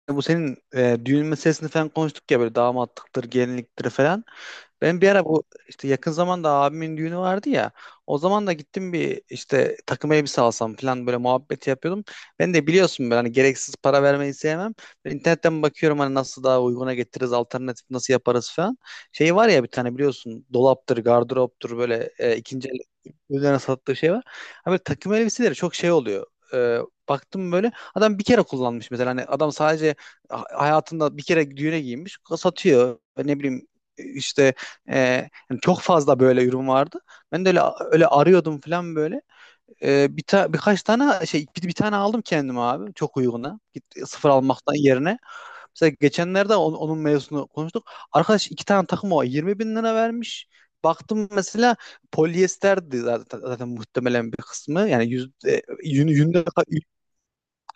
İşte bu senin düğün meselesini falan konuştuk ya, böyle damatlıktır, gelinliktir falan. Ben bir ara bu işte yakın zamanda abimin düğünü vardı ya. O zaman da gittim bir işte takım elbise alsam falan böyle muhabbeti yapıyordum. Ben de biliyorsun, ben hani gereksiz para vermeyi sevmem. Ben internetten bakıyorum hani nasıl daha uyguna getiririz, alternatif nasıl yaparız falan. Şey var ya, bir tane biliyorsun, dolaptır, gardıroptur böyle ikinci el üzerine sattığı şey var. Abi takım elbiseleri çok şey oluyor. E, Baktım böyle adam bir kere kullanmış mesela, hani adam sadece hayatında bir kere düğüne giymiş satıyor, ne bileyim işte e, yani çok fazla böyle ürün vardı. Ben de öyle öyle arıyordum falan böyle. Birkaç tane şey, bir tane aldım kendime abi, çok uyguna. Git sıfır almaktan yerine. Mesela geçenlerde onun mevzusunu konuştuk. Arkadaş iki tane takım o 20 bin lira vermiş. Baktım mesela polyesterdi, zaten muhtemelen bir kısmı. Yani yüzde, yün, yünde,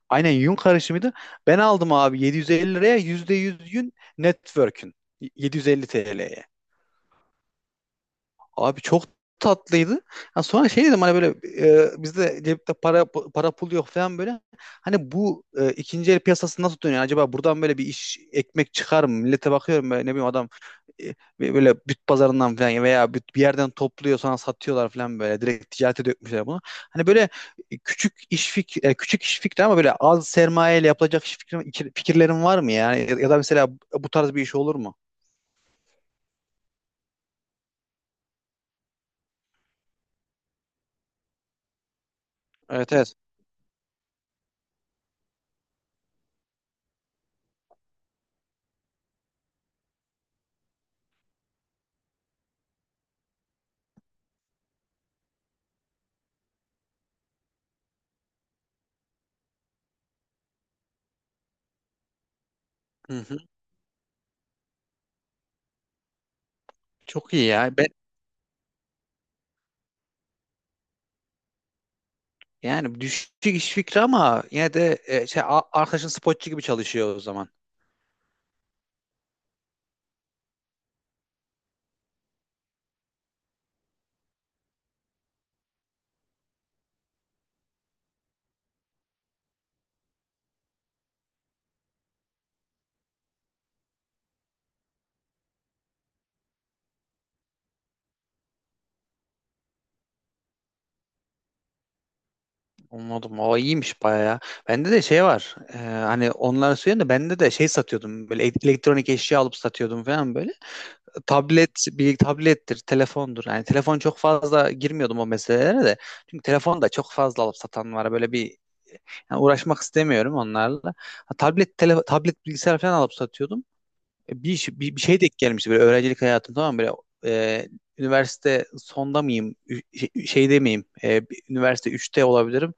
aynen yün karışımıydı. Ben aldım abi 750 liraya %100 yün network'ün. 750 TL'ye. Abi çok tatlıydı. Ya sonra şey dedim hani böyle bizde cepte para pul yok falan böyle. Hani bu ikinci el piyasası nasıl dönüyor? Yani acaba buradan böyle bir iş, ekmek çıkar mı? Millete bakıyorum, böyle ne bileyim adam e, böyle büt pazarından falan veya büt bir yerden topluyor, sonra satıyorlar falan böyle. Direkt ticarete dökmüşler bunu. Hani böyle küçük iş fikri ama böyle az sermayeyle yapılacak iş fikri, fikirlerin var mı yani? Ya da mesela bu tarz bir iş olur mu? Evet, evet. Hı hı. Çok iyi ya. Ben yani düşük iş fikri, ama yine de arkadaşın spotçu gibi çalışıyor o zaman. Anladım. O iyiymiş bayağı ya. Bende de şey var. Hani onları söyleyeyim de, bende de şey satıyordum. Böyle elektronik eşya alıp satıyordum falan böyle. Tablet, bir tablettir, telefondur. Yani telefon çok fazla girmiyordum o meselelere de. Çünkü telefon da çok fazla alıp satan var. Böyle bir, yani uğraşmak istemiyorum onlarla. Ha, tablet bilgisayar falan alıp satıyordum. Bir şey denk gelmişti böyle, öğrencilik hayatım, tamam mı? Böyle e, üniversite sonda mıyım? Şeyde miyim? Üniversite üçte olabilirim.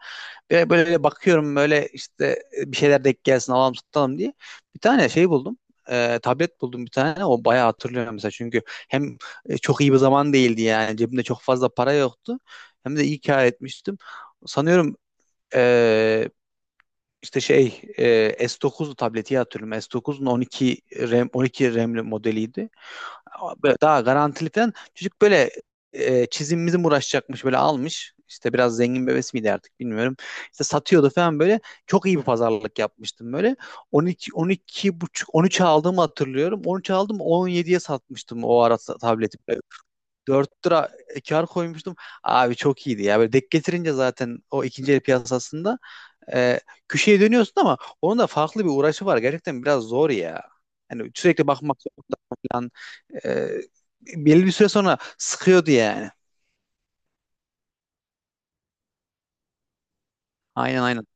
Böyle bakıyorum böyle işte bir şeyler denk gelsin, alalım satalım diye. Bir tane şey buldum. Tablet buldum bir tane. O bayağı hatırlıyorum mesela. Çünkü hem çok iyi bir zaman değildi yani. Cebimde çok fazla para yoktu. Hem de iyi kâr etmiştim. Sanıyorum e, işte şey, S9 tableti hatırlıyorum. S9'un 12 RAM, 12 RAM'li modeliydi. Böyle daha garantiliden çocuk böyle çizimimizin uğraşacakmış böyle almış. İşte biraz zengin bebesi miydi, artık bilmiyorum. İşte satıyordu falan böyle. Çok iyi bir pazarlık yapmıştım böyle. 12, 12 buçuk, 13 aldığımı hatırlıyorum. 13 aldım, 17'ye satmıştım o ara tableti. 4 lira kar koymuştum. Abi çok iyiydi ya. Böyle denk getirince zaten, o ikinci el piyasasında e, köşeye dönüyorsun, ama onun da farklı bir uğraşı var. Gerçekten biraz zor ya. Yani sürekli bakmak zorunda falan. E, Belli bir süre sonra sıkıyordu yani. Aynen, aynen.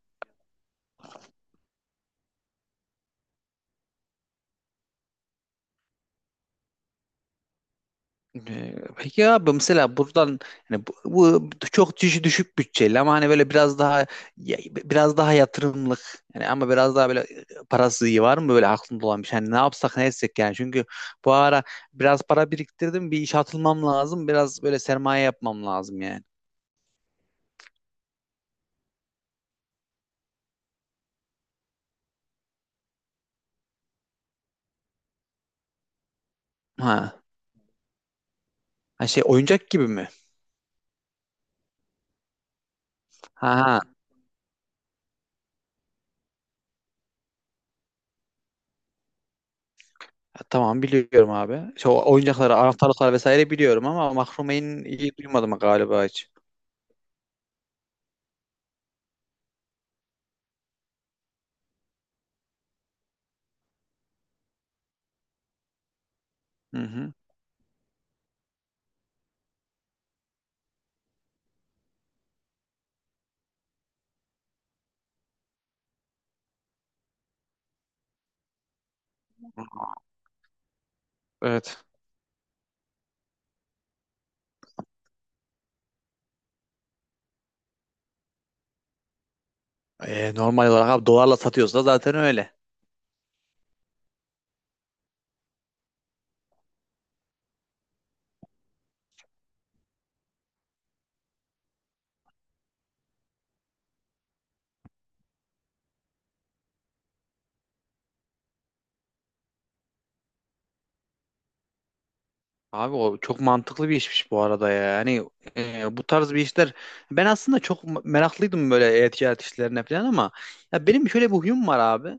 Peki abi, mesela buradan, yani bu çok düşük bütçeli, ama hani böyle biraz daha biraz daha yatırımlık yani, ama biraz daha böyle parası iyi var mı böyle aklında olan bir şey? Hani ne yapsak ne etsek yani, çünkü bu ara biraz para biriktirdim, bir işe atılmam lazım, biraz böyle sermaye yapmam lazım yani. Ha. Ha, şey oyuncak gibi mi? Ha, ha. Tamam, biliyorum abi. Şu oyuncakları, anahtarlıkları vesaire biliyorum, ama mahrumeyin iyi duymadım galiba hiç. Hı hı. Evet. Normal olarak abi, dolarla satıyorsa zaten öyle. Abi o çok mantıklı bir işmiş bu arada ya. Yani bu tarz bir işler, ben aslında çok meraklıydım böyle e-ticaret işlerine falan, ama ya benim şöyle bir huyum var abi.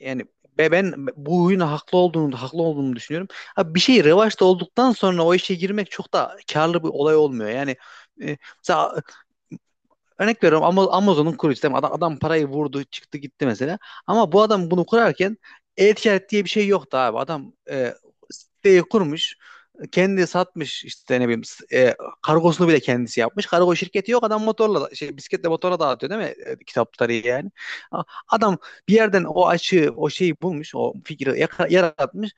Yani ben bu oyuna haklı olduğumu düşünüyorum. Abi bir şey revaçta olduktan sonra o işe girmek çok da karlı bir olay olmuyor. Yani mesela, örnek veriyorum, Amazon'un kurucusu değil. Adam parayı vurdu, çıktı gitti mesela. Ama bu adam bunu kurarken e-ticaret diye bir şey yoktu abi. Adam siteyi kurmuş. Kendi satmış işte, ne bileyim kargosunu bile kendisi yapmış. Kargo şirketi yok, adam motorla, şey, bisikletle, motora dağıtıyor değil mi kitapları yani. Adam bir yerden o açığı, o şeyi bulmuş, o fikri yaratmış,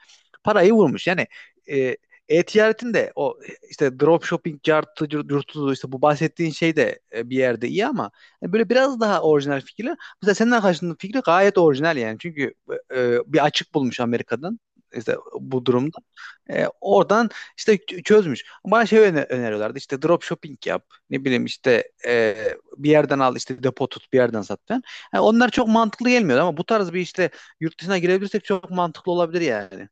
parayı vurmuş. Yani e, e-ticaretin de o işte dropshipping cartı yurtudu, işte bu bahsettiğin şey de bir yerde iyi, ama hani böyle biraz daha orijinal fikirler. Mesela senden karşındaki fikri gayet orijinal yani. Çünkü bir açık bulmuş Amerika'dan işte, bu durumda. Oradan işte çözmüş. Bana şey öneriyorlardı, işte dropshipping yap. Ne bileyim işte bir yerden al, işte depo tut, bir yerden sat falan. Yani onlar çok mantıklı gelmiyordu, ama bu tarz bir işte yurt dışına girebilirsek çok mantıklı olabilir yani.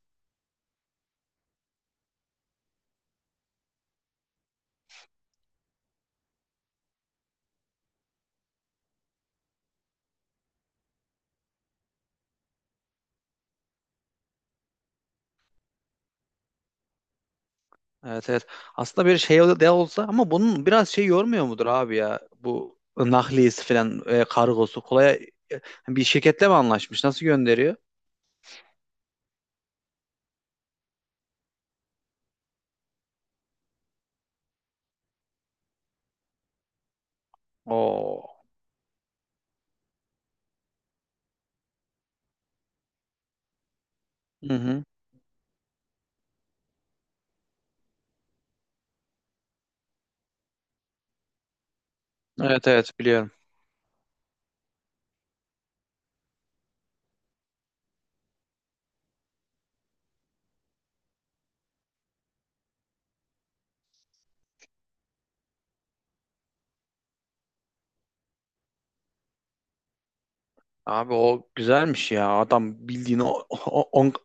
Evet, evet. Aslında bir şey de olsa, ama bunun biraz şey yormuyor mudur abi ya? Bu nakliyesi falan, kargosu kolay, bir şirketle mi anlaşmış? Nasıl gönderiyor? Oo. Hı hı. Evet, evet, biliyorum. Abi o güzelmiş ya. Adam bildiğin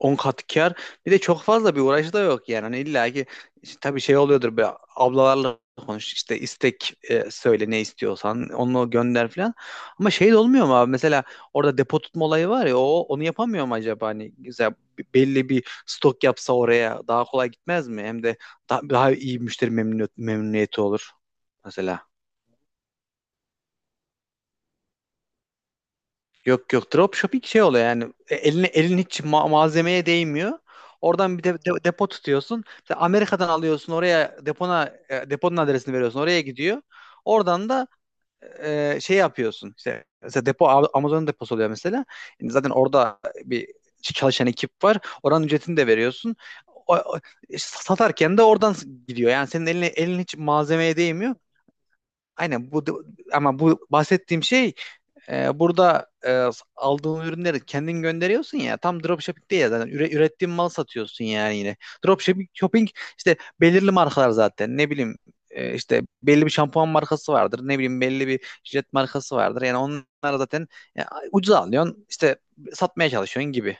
10 kat kâr. Bir de çok fazla bir uğraşı da yok yani. Hani illa ki işte tabii şey oluyordur, be ablalarla konuş işte, istek söyle, ne istiyorsan onu gönder falan. Ama şey de olmuyor mu abi? Mesela orada depo tutma olayı var ya, o onu yapamıyor mu acaba? Hani güzel, belli bir stok yapsa oraya, daha kolay gitmez mi? Hem de daha iyi müşteri memnuniyeti olur mesela. Yok, yok, dropshipping şey oluyor yani. Elin hiç malzemeye değmiyor. Oradan bir depo tutuyorsun. Mesela Amerika'dan alıyorsun, oraya depona, deponun adresini veriyorsun, oraya gidiyor. Oradan da şey yapıyorsun. İşte mesela depo, Amazon'un deposu oluyor mesela. Yani zaten orada bir çalışan ekip var. Oranın ücretini de veriyorsun. O, o- Satarken de oradan gidiyor. Yani senin elin hiç malzemeye değmiyor. Aynen bu, ama bu bahsettiğim şey burada aldığın ürünleri kendin gönderiyorsun ya, tam dropshipping değil ya, zaten ürettiğin mal satıyorsun yani yine. Dropshipping shopping işte, belirli markalar zaten, ne bileyim işte belli bir şampuan markası vardır, ne bileyim belli bir jilet markası vardır, yani onlar zaten ya, ucuza alıyorsun işte, satmaya çalışıyorsun gibi.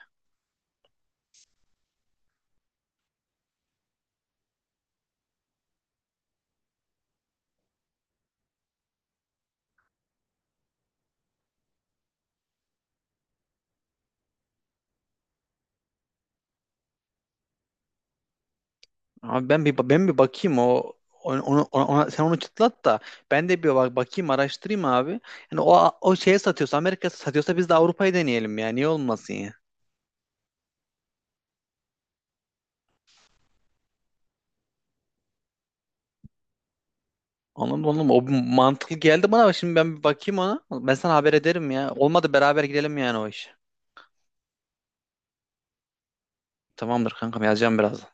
Ama ben bir bakayım o, sen onu çıtlat da, ben de bir bakayım, araştırayım abi. Yani o şeye satıyorsa, Amerika satıyorsa, biz de Avrupa'yı deneyelim ya. Niye olmasın ya? Anladım, anladım. O mantıklı geldi bana. Ama şimdi ben bir bakayım ona. Ben sana haber ederim ya. Olmadı beraber gidelim yani o iş. Tamamdır kankam, yazacağım birazdan.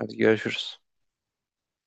Hadi görüşürüz.